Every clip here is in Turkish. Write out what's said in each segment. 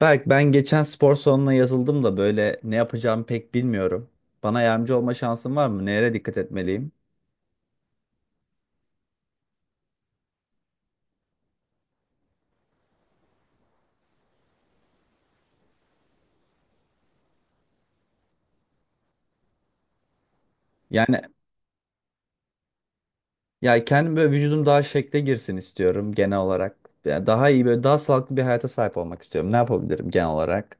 Berk, ben geçen spor salonuna yazıldım da böyle ne yapacağımı pek bilmiyorum. Bana yardımcı olma şansın var mı? Nereye dikkat etmeliyim? Yani ya kendim böyle vücudum daha şekle girsin istiyorum genel olarak. Yani daha iyi böyle daha sağlıklı bir hayata sahip olmak istiyorum. Ne yapabilirim genel olarak?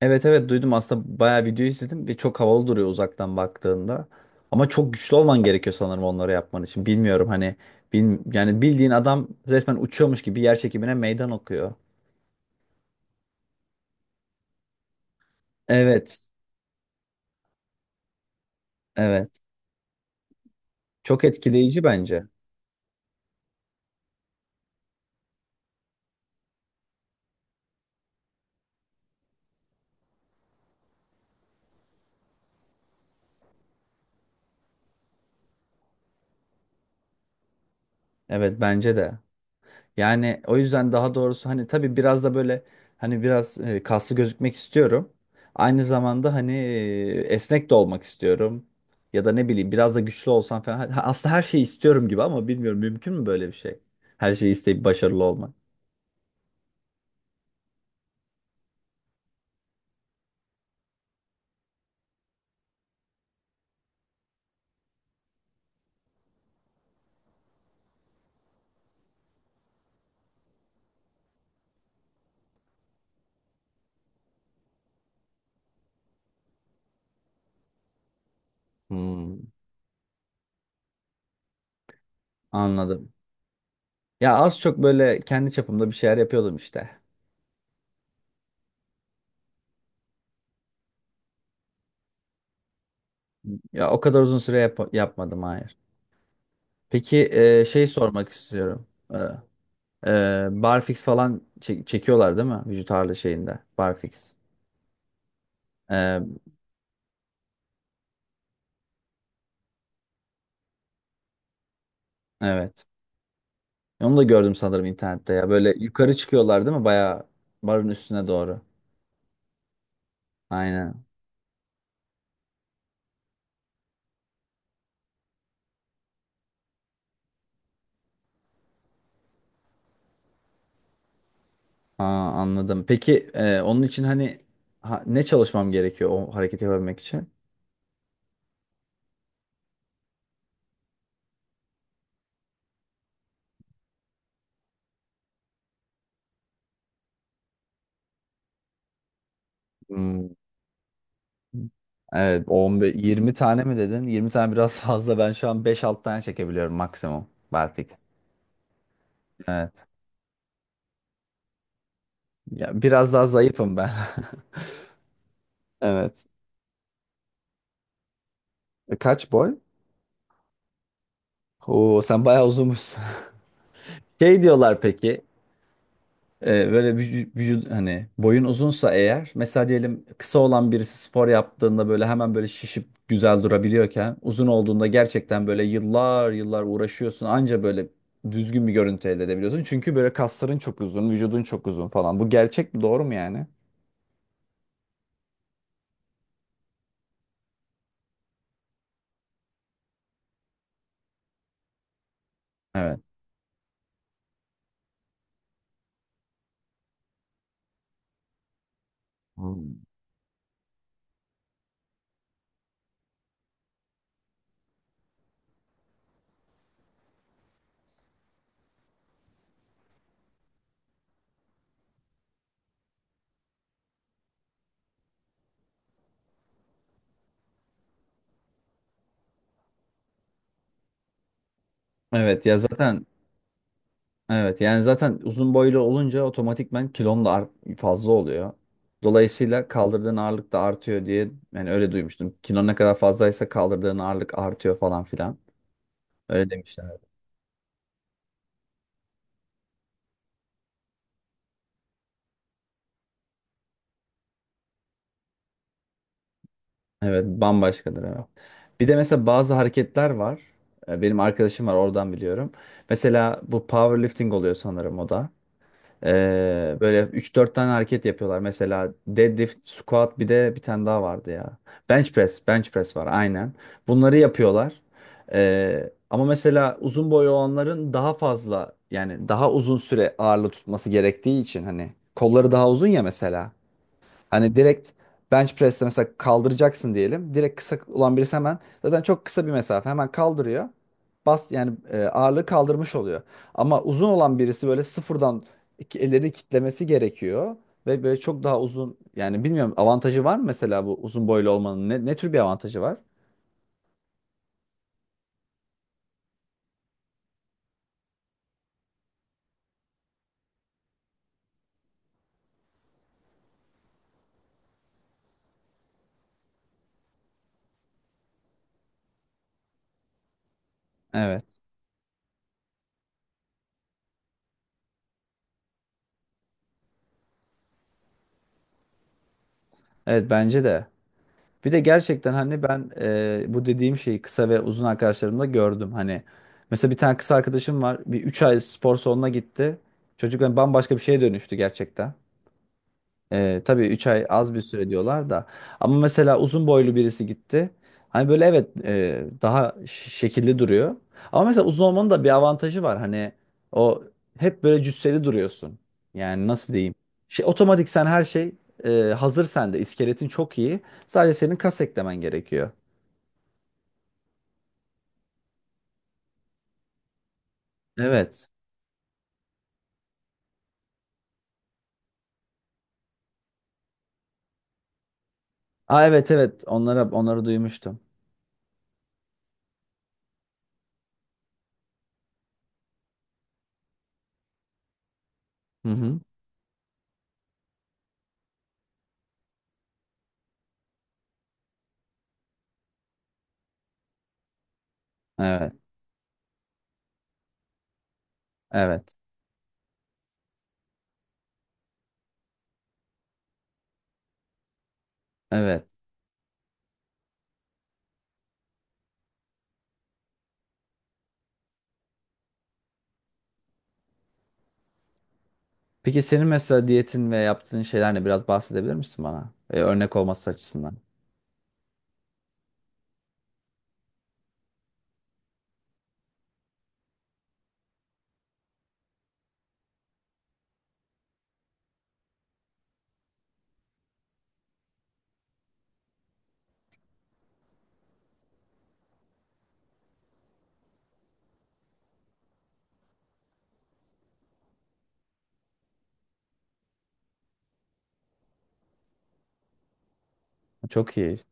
Evet, evet, duydum aslında bayağı video izledim ve çok havalı duruyor uzaktan baktığında. Ama çok güçlü olman gerekiyor sanırım onları yapman için. Bilmiyorum, hani yani bildiğin adam resmen uçuyormuş gibi yer çekimine meydan okuyor. Evet. Evet. Çok etkileyici bence. Evet, bence de. Yani o yüzden daha doğrusu hani tabii biraz da böyle hani biraz kaslı gözükmek istiyorum. Aynı zamanda hani esnek de olmak istiyorum. Ya da ne bileyim biraz da güçlü olsam falan. Aslında her şeyi istiyorum gibi ama bilmiyorum mümkün mü böyle bir şey? Her şeyi isteyip başarılı olmak. Hmm. Anladım. Ya az çok böyle kendi çapımda bir şeyler yapıyordum işte. Ya o kadar uzun süre yapmadım, hayır. Peki, şey sormak istiyorum. E, barfix falan çekiyorlar değil mi? Vücut ağırlığı şeyinde. Barfix. Ee, evet. Onu da gördüm sanırım internette ya. Böyle yukarı çıkıyorlar değil mi? Bayağı barın üstüne doğru. Aynen. Aa, anladım. Peki, onun için hani ne çalışmam gerekiyor o hareketi yapabilmek için? Hmm, evet. 15, 20 tane mi dedin? 20 tane biraz fazla. Ben şu an 5-6 tane çekebiliyorum maksimum. Barfix. Evet. Ya, biraz daha zayıfım ben. Evet. Kaç boy? Oo, sen bayağı uzunmuşsun. Şey diyorlar peki, böyle vücut hani boyun uzunsa eğer, mesela diyelim kısa olan birisi spor yaptığında böyle hemen böyle şişip güzel durabiliyorken, uzun olduğunda gerçekten böyle yıllar yıllar uğraşıyorsun anca böyle düzgün bir görüntü elde edebiliyorsun. Çünkü böyle kasların çok uzun, vücudun çok uzun falan. Bu gerçek mi, doğru mu yani? Evet. Hmm. Evet ya zaten Evet, yani zaten uzun boylu olunca otomatikman kilon da fazla oluyor. Dolayısıyla kaldırdığın ağırlık da artıyor diye yani öyle duymuştum. Kilon ne kadar fazlaysa kaldırdığın ağırlık artıyor falan filan. Öyle demişler. Evet, bambaşkadır, evet. Bir de mesela bazı hareketler var. Benim arkadaşım var oradan biliyorum. Mesela bu powerlifting oluyor sanırım o da. Böyle üç dört tane hareket yapıyorlar. Mesela deadlift, squat, bir de bir tane daha vardı ya. Bench press, bench press var, aynen. Bunları yapıyorlar. Ama mesela uzun boylu olanların daha fazla yani daha uzun süre ağırlığı tutması gerektiği için hani kolları daha uzun ya mesela. Hani direkt bench press'te mesela kaldıracaksın diyelim. Direkt kısa olan birisi hemen zaten çok kısa bir mesafe hemen kaldırıyor. Bas yani, ağırlığı kaldırmış oluyor. Ama uzun olan birisi böyle sıfırdan ellerini kitlemesi gerekiyor ve böyle çok daha uzun yani bilmiyorum avantajı var mı mesela bu uzun boylu olmanın ne tür bir avantajı var? Evet. Evet, bence de. Bir de gerçekten hani ben bu dediğim şeyi kısa ve uzun arkadaşlarımda gördüm. Hani mesela bir tane kısa arkadaşım var. Bir 3 ay spor salonuna gitti. Çocuk hani bambaşka bir şeye dönüştü gerçekten. Tabii 3 ay az bir süre diyorlar da. Ama mesela uzun boylu birisi gitti. Hani böyle evet, daha şekilli duruyor. Ama mesela uzun olmanın da bir avantajı var. Hani o hep böyle cüsseli duruyorsun. Yani nasıl diyeyim? Şey, otomatik sen her şey hazır sende. İskeletin çok iyi. Sadece senin kas eklemen gerekiyor. Evet. Aa, evet, evet, onları duymuştum. Hı hı. Evet. Evet. Evet. Peki senin mesela diyetin ve yaptığın şeylerle biraz bahsedebilir misin bana? Örnek olması açısından. Çok iyi.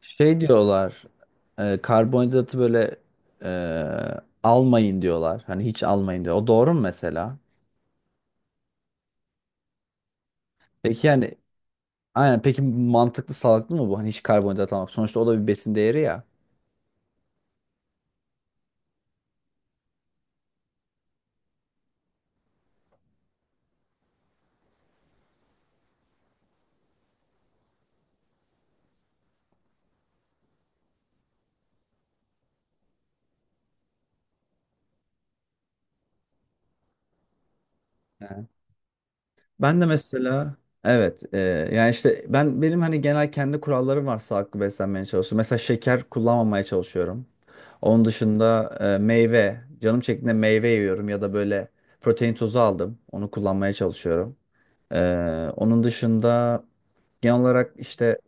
Şey diyorlar, karbonhidratı böyle almayın diyorlar. Hani hiç almayın diyor. O doğru mu mesela? Peki yani aynen, peki mantıklı, sağlıklı mı bu? Hani hiç karbonhidrat almak. Sonuçta o da bir besin değeri ya. Evet. Ben de mesela evet, yani işte benim hani genel kendi kurallarım var sağlıklı beslenmeye çalışıyorum. Mesela şeker kullanmamaya çalışıyorum. Onun dışında meyve. Canım çektiğinde meyve yiyorum ya da böyle protein tozu aldım. Onu kullanmaya çalışıyorum. Onun dışında genel olarak işte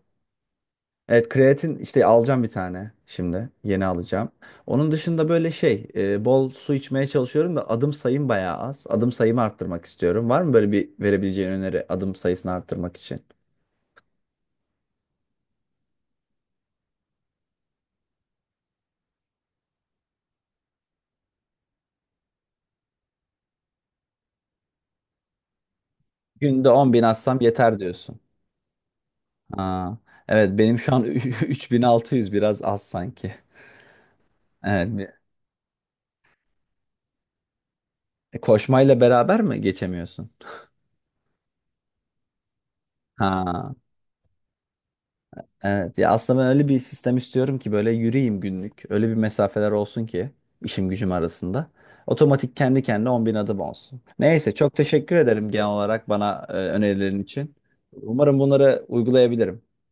evet, kreatin işte alacağım bir tane şimdi. Yeni alacağım. Onun dışında böyle şey, bol su içmeye çalışıyorum da adım sayım bayağı az. Adım sayımı arttırmak istiyorum. Var mı böyle bir verebileceğin öneri adım sayısını arttırmak için? Günde 10 bin atsam yeter diyorsun. Aa, evet, benim şu an 3.600 biraz az sanki. Evet. Koşmayla beraber mi geçemiyorsun? Ha, evet. Ya aslında ben öyle bir sistem istiyorum ki böyle yürüyeyim günlük. Öyle bir mesafeler olsun ki işim gücüm arasında. Otomatik kendi kendine 10 bin adım olsun. Neyse, çok teşekkür ederim genel olarak bana önerilerin için. Umarım bunları uygulayabilirim.